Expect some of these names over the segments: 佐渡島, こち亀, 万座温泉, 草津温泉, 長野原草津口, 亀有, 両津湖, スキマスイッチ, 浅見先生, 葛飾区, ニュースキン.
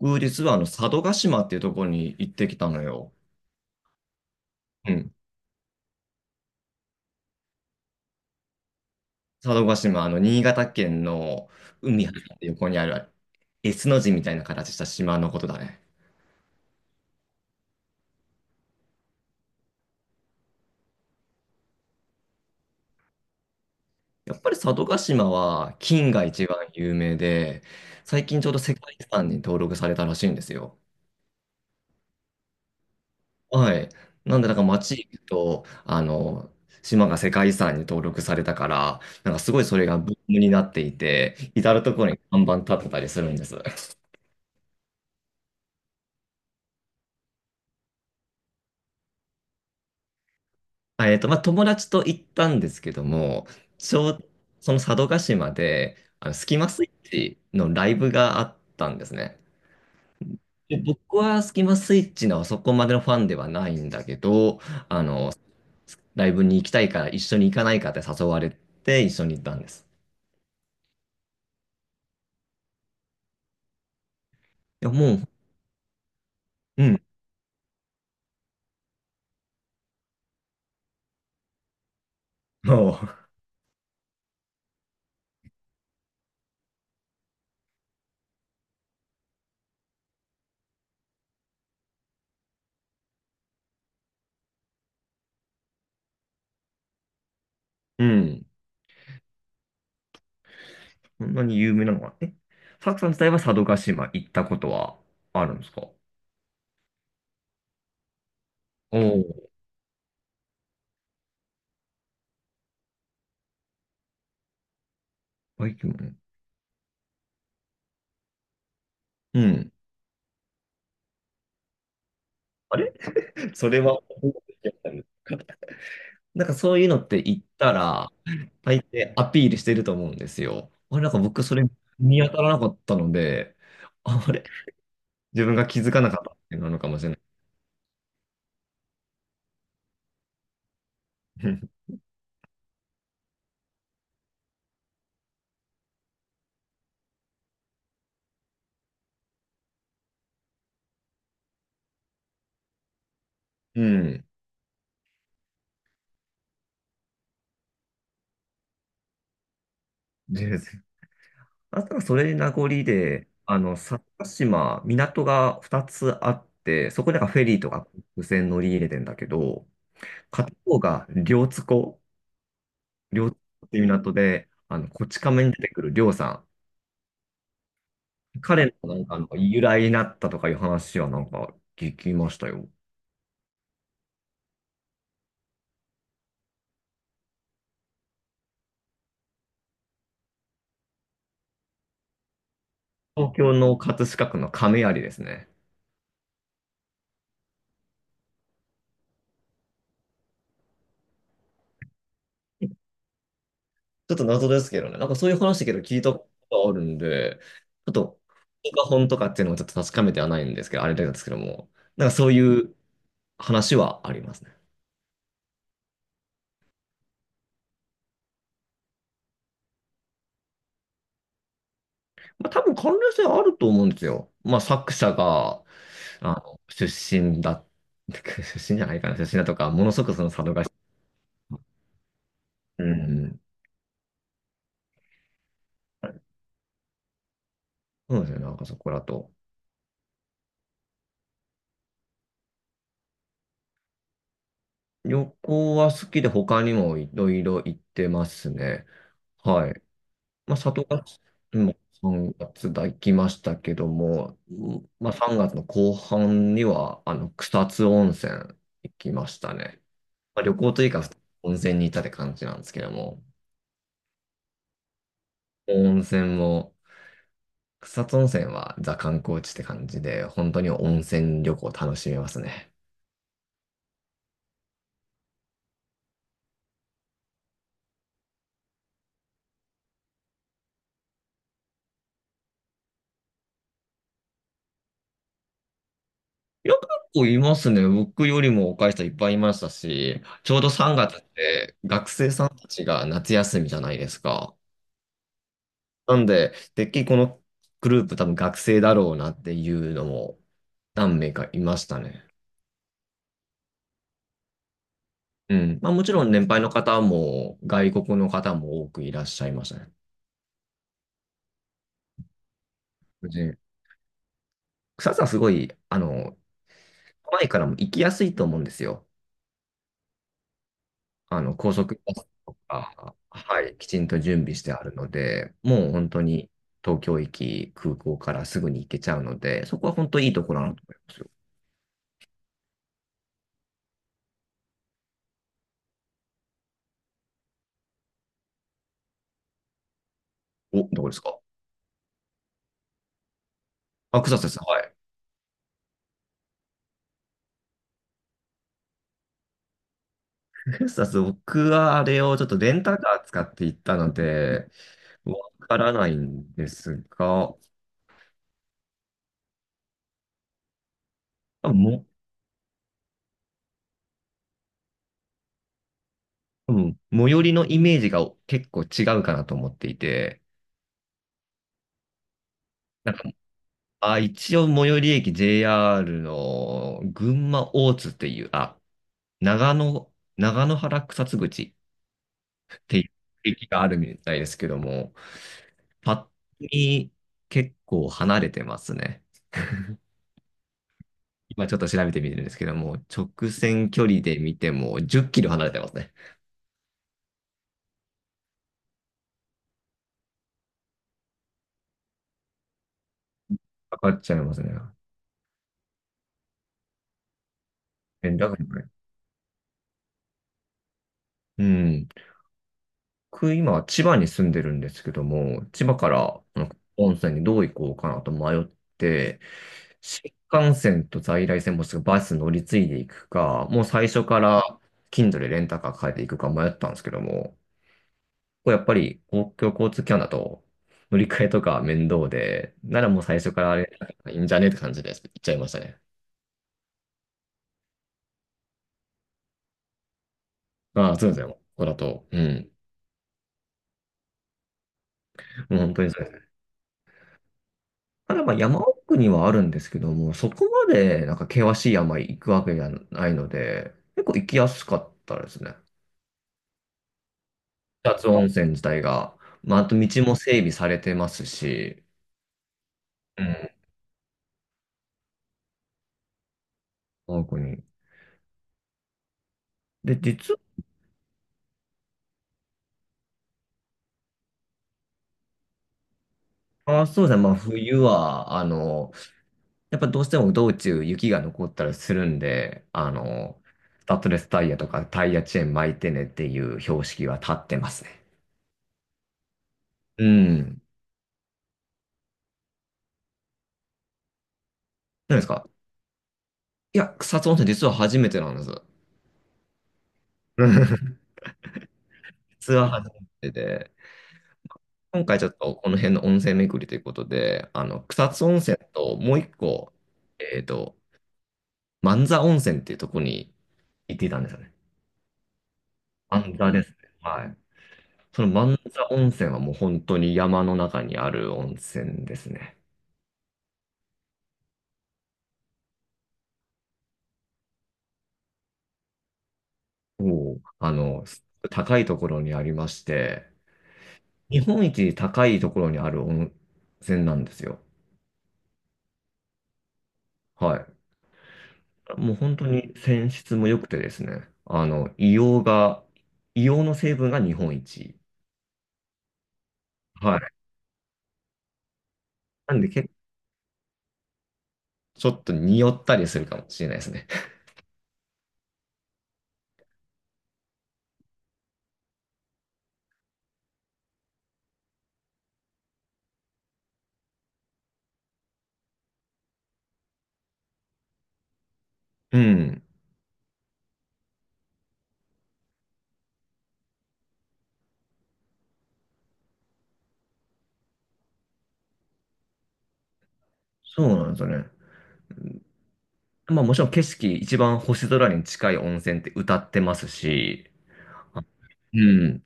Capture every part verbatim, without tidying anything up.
僕、実はあの、佐渡島っていうところに行ってきたのよ。うん。佐渡島、あの、新潟県の海入って横にある S の字みたいな形した島のことだね。やっぱり佐渡島は金が一番有名で、最近ちょうど世界遺産に登録されたらしいんですよ。はい。なんで、なんか街行くと、あの、島が世界遺産に登録されたから、なんかすごいそれがブームになっていて、至る所に看板立ってたりするんです。あえっと、まあ、友達と行ったんですけども、ちょう、その佐渡島で、あの、スキマスイッチのライブがあったんですね。で僕はスキマスイッチのそこまでのファンではないんだけど、あの、ライブに行きたいから一緒に行かないかって誘われて一緒に行ったんです。いや、もう、うん、もう、うん、そんなに有名なのは、え、サクさん自体は佐渡島行ったことはあるんですかお。おー、バイキングね。うん。あれ それは、なんかそういうのって言ったら、大抵アピールしてると思うんですよ。あれ、なんか僕それ見当たらなかったので、ああれ、自分が気づかなかったっていうのなのかもしれない。うん。全然。あとはそれ名残で、あの、薩摩島、港がふたつあって、そこでなんかフェリーとか無線乗り入れてんだけど、片方が両津湖、両津湖っていう港で、あの、こち亀に出てくる両さん。彼のなんか、な由来になったとかいう話はなんか聞きましたよ。東京の葛飾区の亀有ですね。ちょっと謎ですけどね。なんかそういう話だけど聞いたことあるんで、ちょっと、本か本とかっていうのはちょっと確かめてはないんですけど、あれなんですけども、なんかそういう話はありますね。まあ多分関連性あると思うんですよ。まあ作者が、あの、出身だ、出身じゃないかな、出身だとか、ものすごくその佐渡が、うん、そうですよね、なんかそこらと。旅行は好きで他にもいろいろ行ってますね。はい。まあ、里ヶ島もさんがつだ行きましたけども、うんまあ、さんがつの後半にはあの草津温泉行きましたね。まあ、旅行というか温泉に行ったって感じなんですけども、温泉も、草津温泉はザ観光地って感じで、本当に温泉旅行楽しめますね。いや、結構いますね。僕よりも若い人いっぱいいましたし、ちょうどさんがつって学生さんたちが夏休みじゃないですか。なんで、てっきりこのグループ多分学生だろうなっていうのも何名かいましたね。うん。まあもちろん年配の方も外国の方も多くいらっしゃいましたね。で、草津はすごい、あの、都内からも行きやすいと思うんですよ。あの、高速バスとか、はい、きちんと準備してあるので、もう本当に東京駅、空港からすぐに行けちゃうので、そこは本当にいいところだなと思いますよ。お、どこですか。あ、草津です。はい。草津、僕はあれをちょっとレンタカー使って行ったので、わからないんですが、多分も、多分最寄りのイメージが結構違うかなと思っていて、なんか、あ、一応最寄り駅 ジェイアール の群馬大津っていう、あ、長野、長野原草津口っていう駅があるみたいですけども、パッと見結構離れてますね。今ちょっと調べてみてるんですけども、直線距離で見てもじゅっキロ離れてますね。かかっちゃいますね。え、だからこれ。うん。僕、今、千葉に住んでるんですけども、千葉からなんか温泉にどう行こうかなと迷って、新幹線と在来線もしくはバス乗り継いでいくか、もう最初から Kindle でレンタカー借りていくか迷ったんですけども、これやっぱり公共交通機関だと乗り換えとか面倒で、ならもう最初からあれいいんじゃねって感じで行っちゃいましたね。ああ、そうですね。ここだと、うん。もう本当にそれ。ただまあ山奥にはあるんですけども、そこまでなんか険しい山行くわけじゃないので、結構行きやすかったですね。草津温泉自体が。まあ、あと道も整備されてますし、うん、奥に。で、実は、そうですね、まあ冬は、あの、やっぱどうしても道中雪が残ったりするんで、あの、スタッドレスタイヤとかタイヤチェーン巻いてねっていう標識は立ってますね。うん。何ですか。いや、草津温泉実は初めてなんです。ツアー初めてで、今回ちょっとこの辺の温泉巡りということで、あの、草津温泉ともう一個、えっと、万座温泉っていうところに行っていたんですよね。万座ですね。はい。その万座温泉はもう本当に山の中にある温泉ですね。もう、あの、す高いところにありまして、日本一高いところにある温泉なんですよ。はい。もう本当に泉質も良くてですね、あの、硫黄が、硫黄の成分が日本一。はい。なんで結構ちょっと匂ったりするかもしれないですね。うん。そうなんですよね。まあもちろん景色、一番星空に近い温泉って歌ってますし、あうん。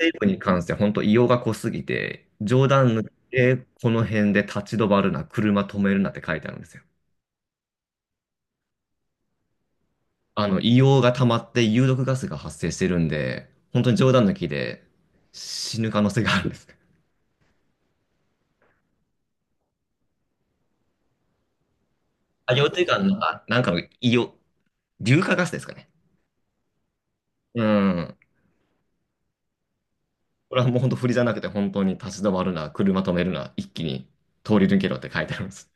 成分に関して本当硫黄が濃すぎて、冗談抜きでこの辺で立ち止まるな、車止めるなって書いてあるんですよ。あの、硫黄が溜まって有毒ガスが発生してるんで、本当に冗談抜きで死ぬ可能性があるんです。あ、羊蹄岩の、あ、なんかの硫黄、硫化ガスですかね。うん。これはもう本当振りじゃなくて、本当に立ち止まるな、車止めるな、一気に通り抜けろって書いてあるんです。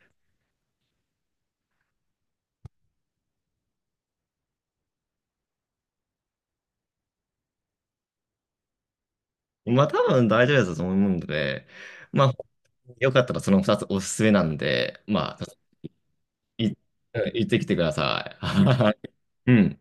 まあ多分大丈夫だと思うので、まあ、よかったらそのふたつおすすめなんで、まあ、い、うん行ってきてください。いうん。